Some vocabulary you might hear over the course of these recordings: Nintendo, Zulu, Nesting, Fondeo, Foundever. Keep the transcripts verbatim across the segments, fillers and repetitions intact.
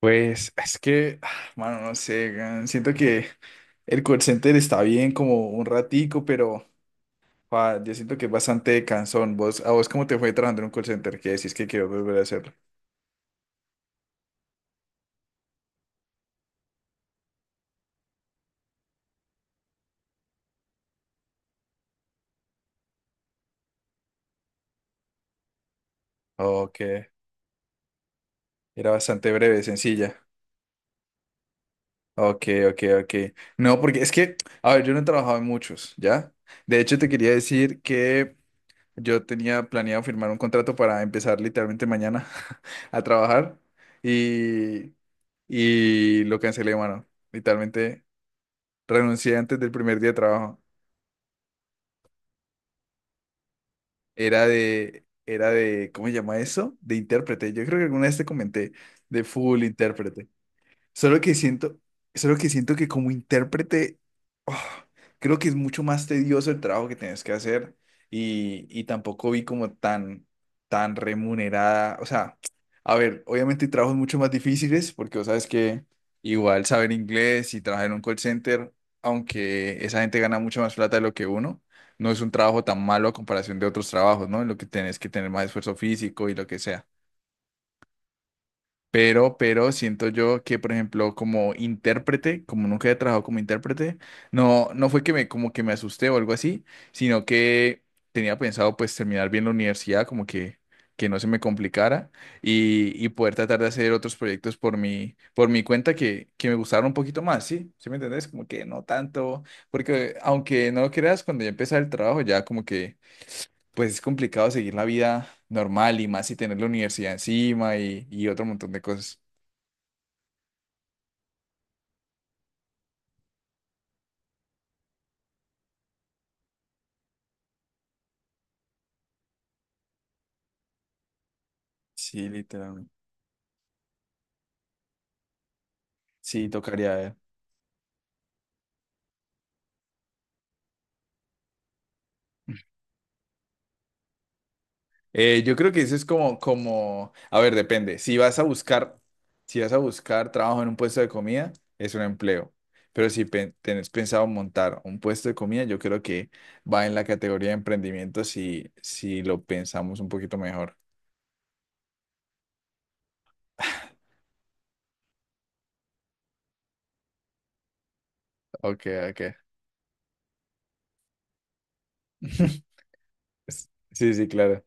Pues es que, ah, mano, no sé, gan, siento que el call center está bien como un ratico, pero ah, yo siento que es bastante cansón. ¿Vos, a vos cómo te fue trabajando en un call center? ¿Qué decís que quiero volver a hacerlo? Ok, era bastante breve, sencilla. Ok, ok, ok. No, porque es que, a ver, yo no he trabajado en muchos, ¿ya? De hecho, te quería decir que yo tenía planeado firmar un contrato para empezar literalmente mañana a trabajar y, y lo cancelé, mano. Literalmente. Renuncié antes del primer día de trabajo. Era de, era de, ¿cómo se llama eso? De intérprete. Yo creo que alguna vez te comenté, de full intérprete. Solo que siento, solo que siento que como intérprete, oh, creo que es mucho más tedioso el trabajo que tienes que hacer y, y tampoco vi como tan, tan remunerada. O sea, a ver, obviamente hay trabajos mucho más difíciles porque vos sabes que igual saber inglés y trabajar en un call center, aunque esa gente gana mucho más plata de lo que uno, no es un trabajo tan malo a comparación de otros trabajos, ¿no? En lo que tenés que tener más esfuerzo físico y lo que sea. Pero, pero siento yo que, por ejemplo, como intérprete, como nunca he trabajado como intérprete, no, no fue que me, como que me asusté o algo así, sino que tenía pensado pues terminar bien la universidad, como que, que no se me complicara y, y poder tratar de hacer otros proyectos por mi, por mi cuenta que, que me gustaron un poquito más, ¿sí? ¿Sí me entendés? Como que no tanto, porque aunque no lo creas, cuando ya empecé el trabajo ya como que pues es complicado seguir la vida normal y más si tener la universidad encima y, y otro montón de cosas. Sí, literalmente. Sí, tocaría ver. Eh, yo creo que eso es como, como, a ver, depende. Si vas a buscar, si vas a buscar trabajo en un puesto de comida, es un empleo. Pero si pen- tenés pensado montar un puesto de comida, yo creo que va en la categoría de emprendimiento si, si lo pensamos un poquito mejor. Ok, ok. Sí, sí, claro.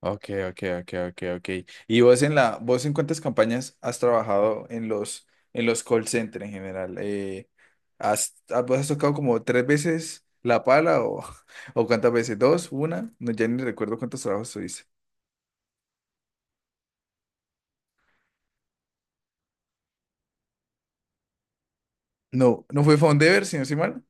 Ok, ok, ok, ok, ok. Y vos en la, vos en cuántas campañas has trabajado en los, en los call centers en general? Eh, ¿has, ah, vos has tocado como tres veces la pala o, o cuántas veces? ¿Dos? ¿Una? No, ya ni recuerdo cuántos trabajos tuviste. No, no fue Foundever, si no estoy mal.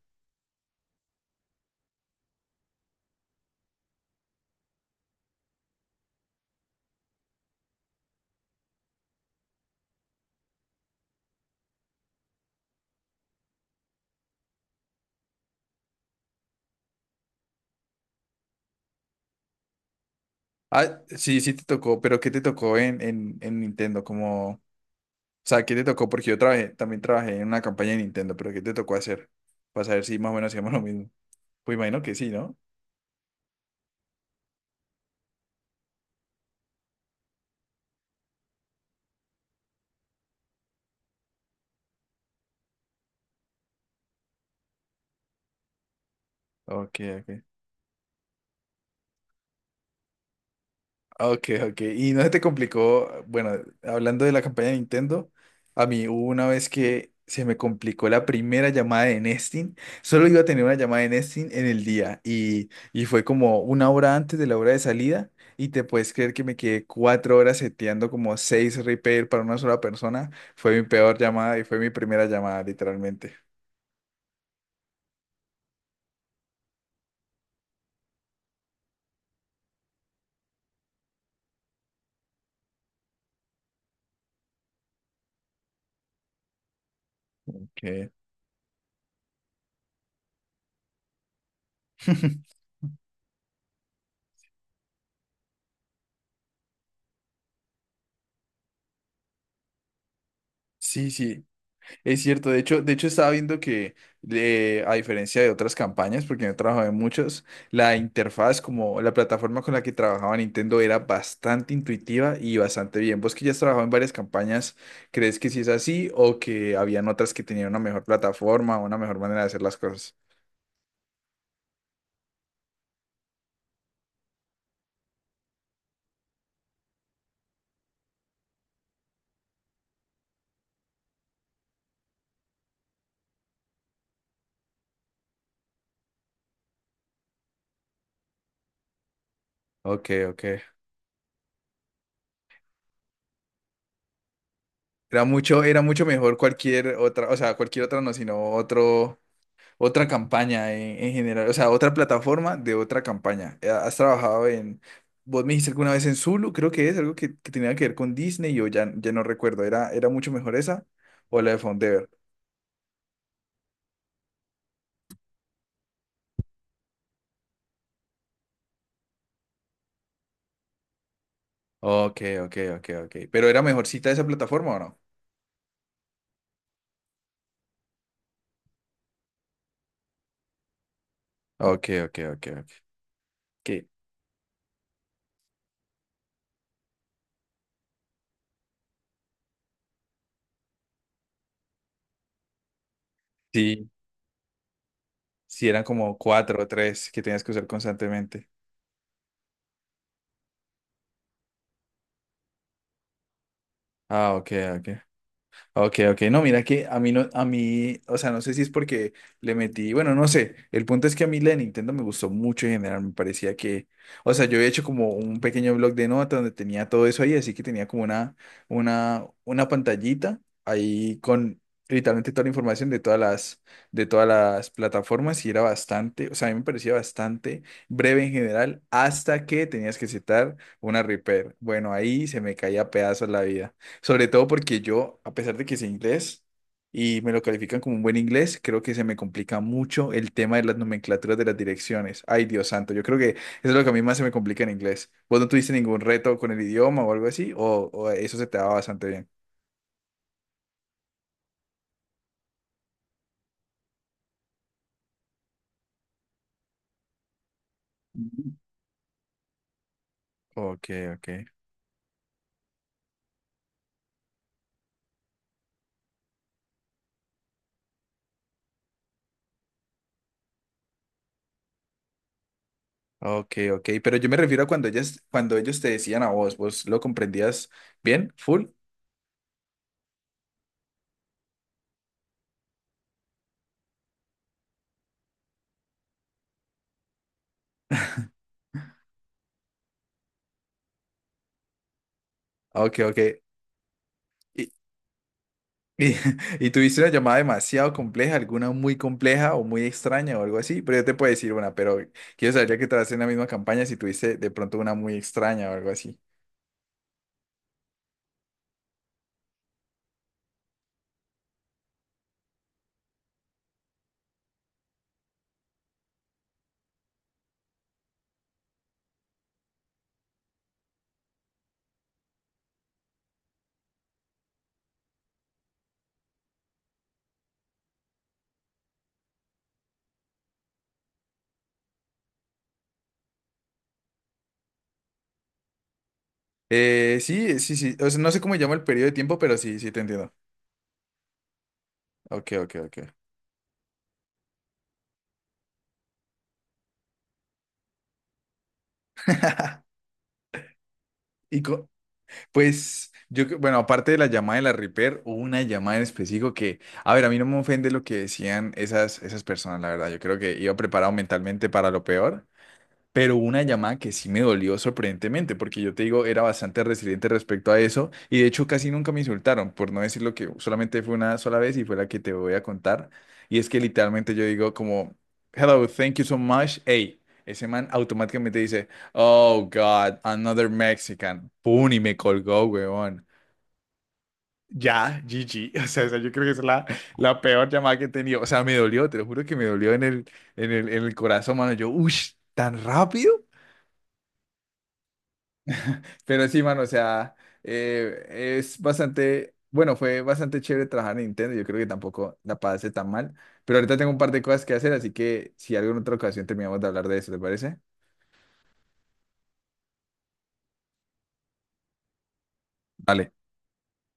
Ah, sí, sí te tocó, pero ¿qué te tocó en, en, en Nintendo? Como, o sea, ¿qué te tocó? Porque yo trabajé, también trabajé en una campaña de Nintendo, pero ¿qué te tocó hacer? Para saber si más o menos hacíamos lo mismo. Pues imagino que sí, ¿no? Ok, ok. Ok, ok. Y no se te complicó, bueno, hablando de la campaña de Nintendo, a mí hubo una vez que se me complicó la primera llamada de Nesting. Solo iba a tener una llamada de Nesting en el día y, y fue como una hora antes de la hora de salida y te puedes creer que me quedé cuatro horas seteando como seis repair para una sola persona. Fue mi peor llamada y fue mi primera llamada, literalmente. Ok. Sí, sí. Es cierto, de hecho, de hecho estaba viendo que eh, a diferencia de otras campañas, porque yo he trabajado en muchas, la interfaz como la plataforma con la que trabajaba Nintendo era bastante intuitiva y bastante bien. Vos que ya has trabajado en varias campañas, ¿crees que sí es así o que habían otras que tenían una mejor plataforma o una mejor manera de hacer las cosas? Ok, ok. Era mucho, era mucho mejor cualquier otra, o sea, cualquier otra no, sino otro. Otra campaña en, en general, o sea, otra plataforma de otra campaña. Eh, ¿Has trabajado en, vos me dijiste alguna vez en Zulu, creo que es algo que, que tenía que ver con Disney, yo ya, ya no recuerdo, ¿era, era mucho mejor esa o la de Fondeo? Ok, ok, ok, ok. ¿Pero era mejorcita esa plataforma o no? Ok, ok, ok, ok. Que sí, sí eran como cuatro o tres que tenías que usar constantemente. Ah, ok, ok. Ok, ok, no, mira que a mí no, a mí, o sea, no sé si es porque le metí, bueno, no sé, el punto es que a mí la de Nintendo me gustó mucho en general, me parecía que, o sea, yo había hecho como un pequeño blog de notas donde tenía todo eso ahí, así que tenía como una, una, una pantallita ahí con literalmente toda la información de todas las, de todas las plataformas y era bastante, o sea, a mí me parecía bastante breve en general, hasta que tenías que citar una repair. Bueno, ahí se me caía a pedazos la vida. Sobre todo porque yo, a pesar de que sé inglés y me lo califican como un buen inglés, creo que se me complica mucho el tema de las nomenclaturas de las direcciones. Ay, Dios santo, yo creo que eso es lo que a mí más se me complica en inglés. ¿Vos no tuviste ningún reto con el idioma o algo así? ¿O, o eso se te daba bastante bien? Ujú. Ok, ok. Ok, ok. Pero yo me refiero a cuando ellas, cuando ellos te decían a vos, ¿vos lo comprendías bien? ¿Full? Ok, ok. Y, y tuviste una llamada demasiado compleja, alguna muy compleja o muy extraña o algo así, pero yo te puedo decir una, pero quiero saber ya que te en la misma campaña si tuviste de pronto una muy extraña o algo así. Eh, sí, sí, sí, o sea, no sé cómo llama el periodo de tiempo, pero sí, sí te entiendo. Ok, ok, ok. Y co- pues yo, que- bueno, aparte de la llamada de la Reaper, hubo una llamada en específico que, a ver, a mí no me ofende lo que decían esas, esas personas, la verdad, yo creo que iba preparado mentalmente para lo peor. Pero hubo una llamada que sí me dolió sorprendentemente, porque yo te digo, era bastante resiliente respecto a eso, y de hecho casi nunca me insultaron, por no decirlo que solamente fue una sola vez y fue la que te voy a contar. Y es que literalmente yo digo como, hello, thank you so much, hey, ese man automáticamente dice, oh God, another Mexican, pum, y me colgó, weón. Ya, G G, o sea, esa yo creo que es la, la peor llamada que he tenido, o sea, me dolió, te lo juro que me dolió en el, en el, en el corazón, mano, yo, uff, tan rápido. Pero sí, mano, o sea, eh, es bastante, bueno, fue bastante chévere trabajar en Nintendo. Yo creo que tampoco la pasé tan mal. Pero ahorita tengo un par de cosas que hacer, así que si alguna otra ocasión terminamos de hablar de eso, ¿te parece? Dale.